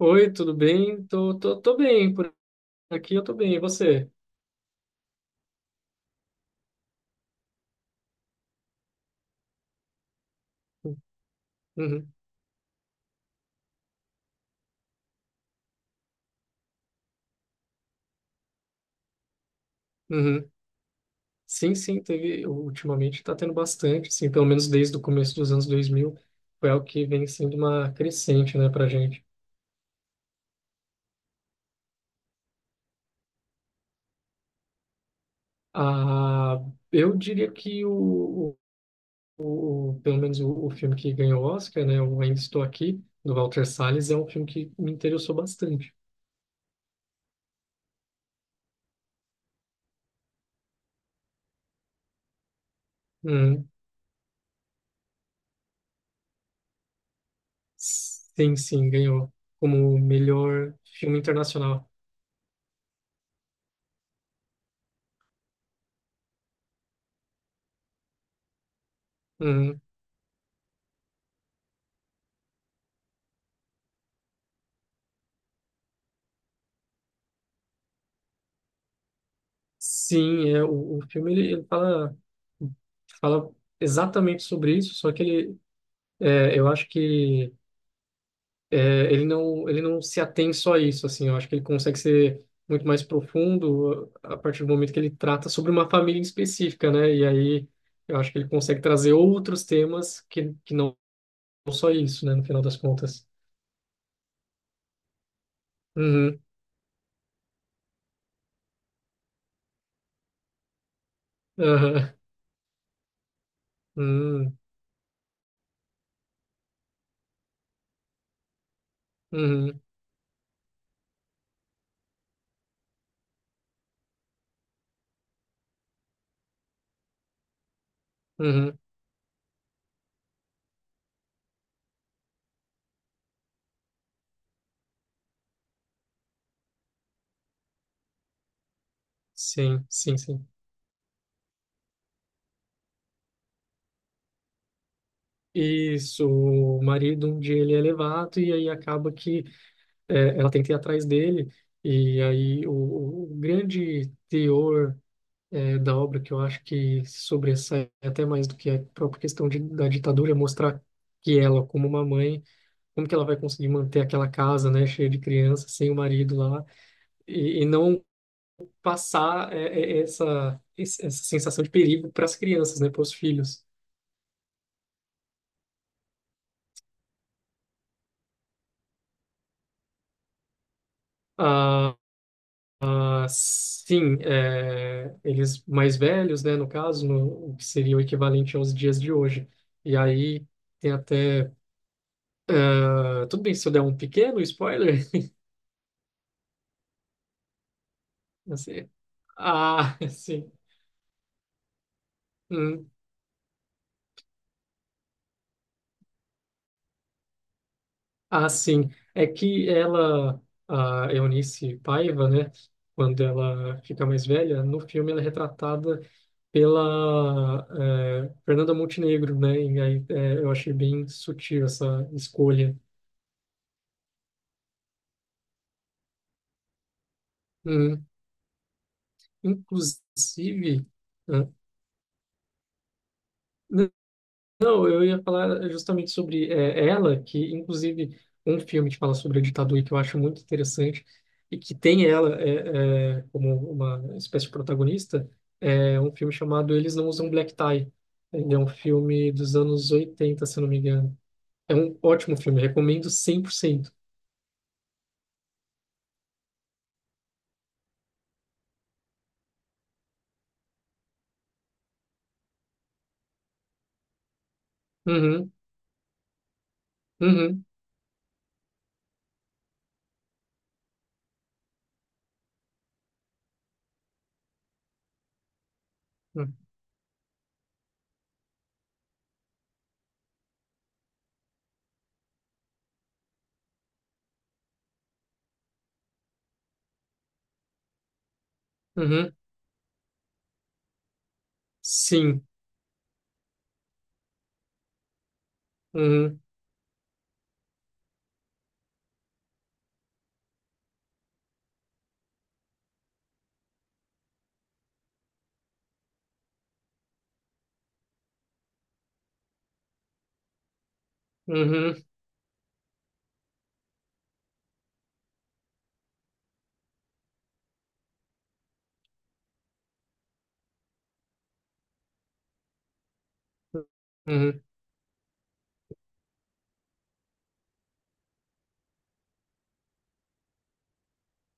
Oi, tudo bem? Tô bem, por aqui eu tô bem, e você? Uhum, uhum. Sim, teve, ultimamente tá tendo bastante, assim, pelo menos desde o começo dos anos 2000, foi algo que vem sendo uma crescente, né, pra gente. Ah, eu diria que pelo menos o filme que ganhou o Oscar, né, o Ainda Estou Aqui, do Walter Salles, é um filme que me interessou bastante. Uhum. Sim, ganhou como melhor filme internacional. Uhum. Sim, é, o filme fala exatamente sobre isso, só que eu acho que é, ele não se atém só a isso, assim, eu acho que ele consegue ser muito mais profundo a partir do momento que ele trata sobre uma família em específica, né? E aí eu acho que ele consegue trazer outros temas que não só isso, né, no final das contas. Uhum, aham, uhum, uhum, uhum, sim. Isso, o marido um dia ele é levado e aí acaba que é, ela tenta ir atrás dele e aí o grande teor é, da obra que eu acho que sobressai até mais do que a própria questão de, da ditadura é mostrar que ela, como uma mãe, como que ela vai conseguir manter aquela casa, né, cheia de crianças, sem o marido lá e não passar essa sensação de perigo para as crianças, né, para os filhos. Ah, sim, é, eles mais velhos, né, no caso, no, o que seria o equivalente aos dias de hoje. E aí tem até. Ah, tudo bem se eu der um pequeno spoiler? Assim, ah, sim. Hum, ah, sim. É que ela, a Eunice Paiva, né, quando ela fica mais velha, no filme ela é retratada pela Fernanda Montenegro, né? E aí eu achei bem sutil essa escolha. Hum, Inclusive, ah, n- não, eu ia falar justamente sobre ela, que inclusive um filme que fala sobre a ditadura e que eu acho muito interessante e que tem ela como uma espécie de protagonista, é um filme chamado Eles Não Usam Black Tie. Ele é um filme dos anos 80 se eu não me engano. É um ótimo filme, recomendo 100%. Uhum, uhum, uhum, uhum. Sim, uhum, uhum. Uhum,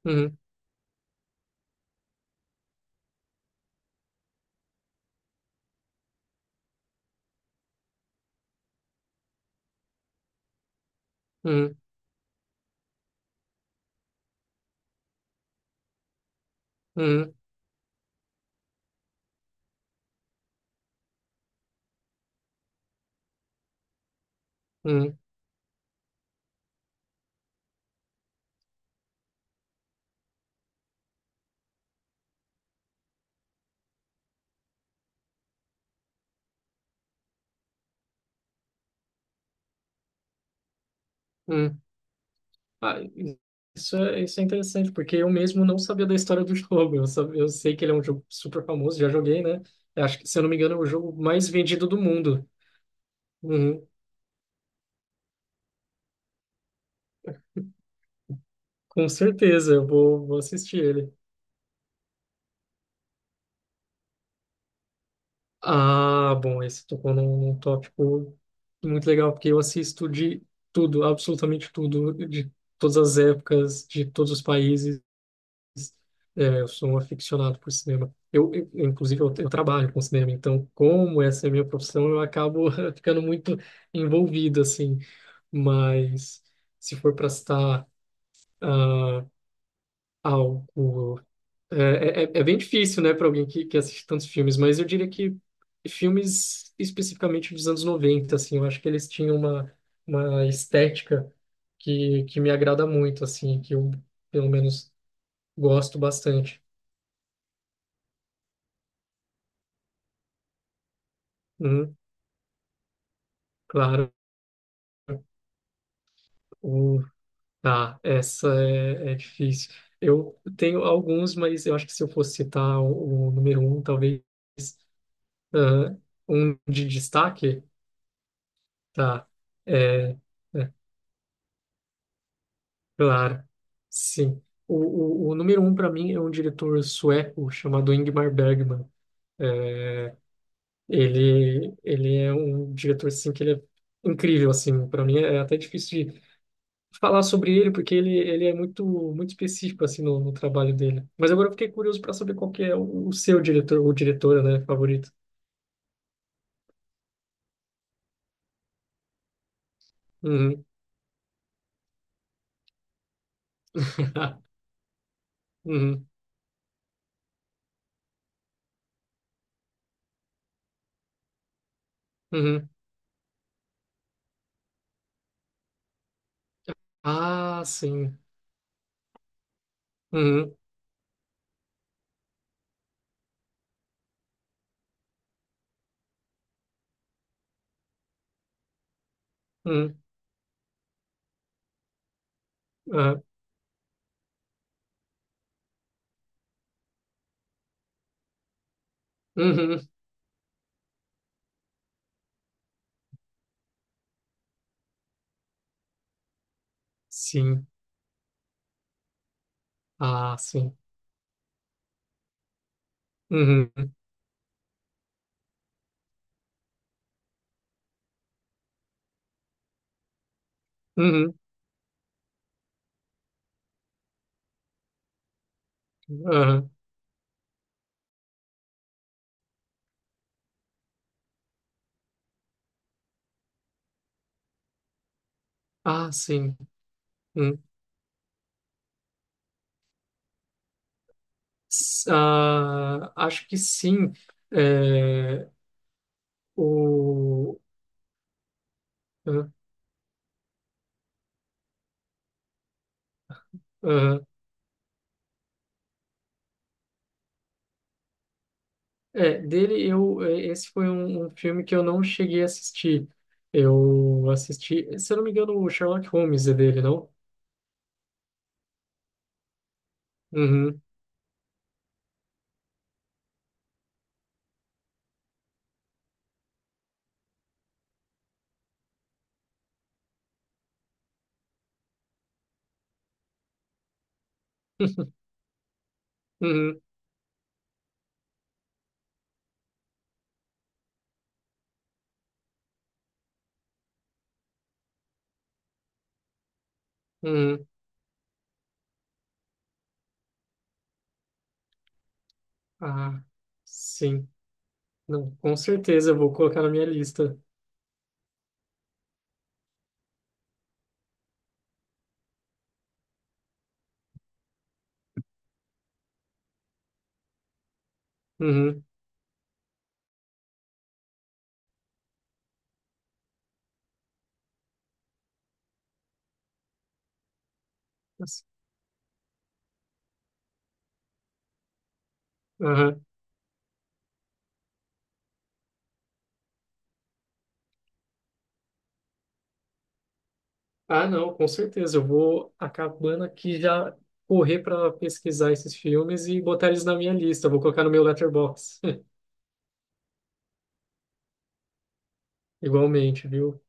uhum, uhum, uhum, uhum, uhum. Ah, isso é interessante, porque eu mesmo não sabia da história do jogo. Eu, eu sei que ele é um jogo super famoso, já joguei, né? Eu acho que, se eu não me engano, é o jogo mais vendido do mundo. Uhum. Com certeza, vou assistir ele. Ah, bom, esse tocou num tópico muito legal, porque eu assisto de tudo, absolutamente tudo, de todas as épocas, de todos os países. É, eu sou um aficionado por cinema. Inclusive, eu trabalho com cinema, então, como essa é a minha profissão, eu acabo ficando muito envolvido, assim. Mas, se for para citar ah, algo. É bem difícil, né, para alguém que assiste tantos filmes, mas eu diria que filmes especificamente dos anos 90 assim, eu acho que eles tinham uma estética que me agrada muito, assim, que eu, pelo menos, gosto bastante. Uhum, claro. O- Ah, essa é difícil. Eu tenho alguns, mas eu acho que se eu fosse citar o número um, talvez ah, um de destaque, tá? É, é, claro, sim. O número um para mim é um diretor sueco chamado Ingmar Bergman. É, ele é um diretor assim que ele é incrível assim. Para mim é até difícil falar sobre ele, porque ele é muito, muito específico assim no trabalho dele. Mas agora eu fiquei curioso para saber qual que é o seu diretor ou diretora, né, favorito. Uhum. Uhum. Uhum. Ah, sim. Uhum. Uhum. Aham. Uhum. Sim. Ah, sim. Uhum. Uhum. Aham. Ah, sim. Uhum. Ah, acho que sim. É, o... Uhum. É, dele eu é, esse foi um, um filme que eu não cheguei a assistir. Eu assisti, se eu não me engano, o Sherlock Holmes é dele, não? Uhum, uhum, uhum. Ah, sim. Não, com certeza eu vou colocar na minha lista. Uhum. Nossa, aham. Ah, não, com certeza eu vou acabando aqui já correr para pesquisar esses filmes e botar eles na minha lista. Vou colocar no meu letterbox Igualmente, viu?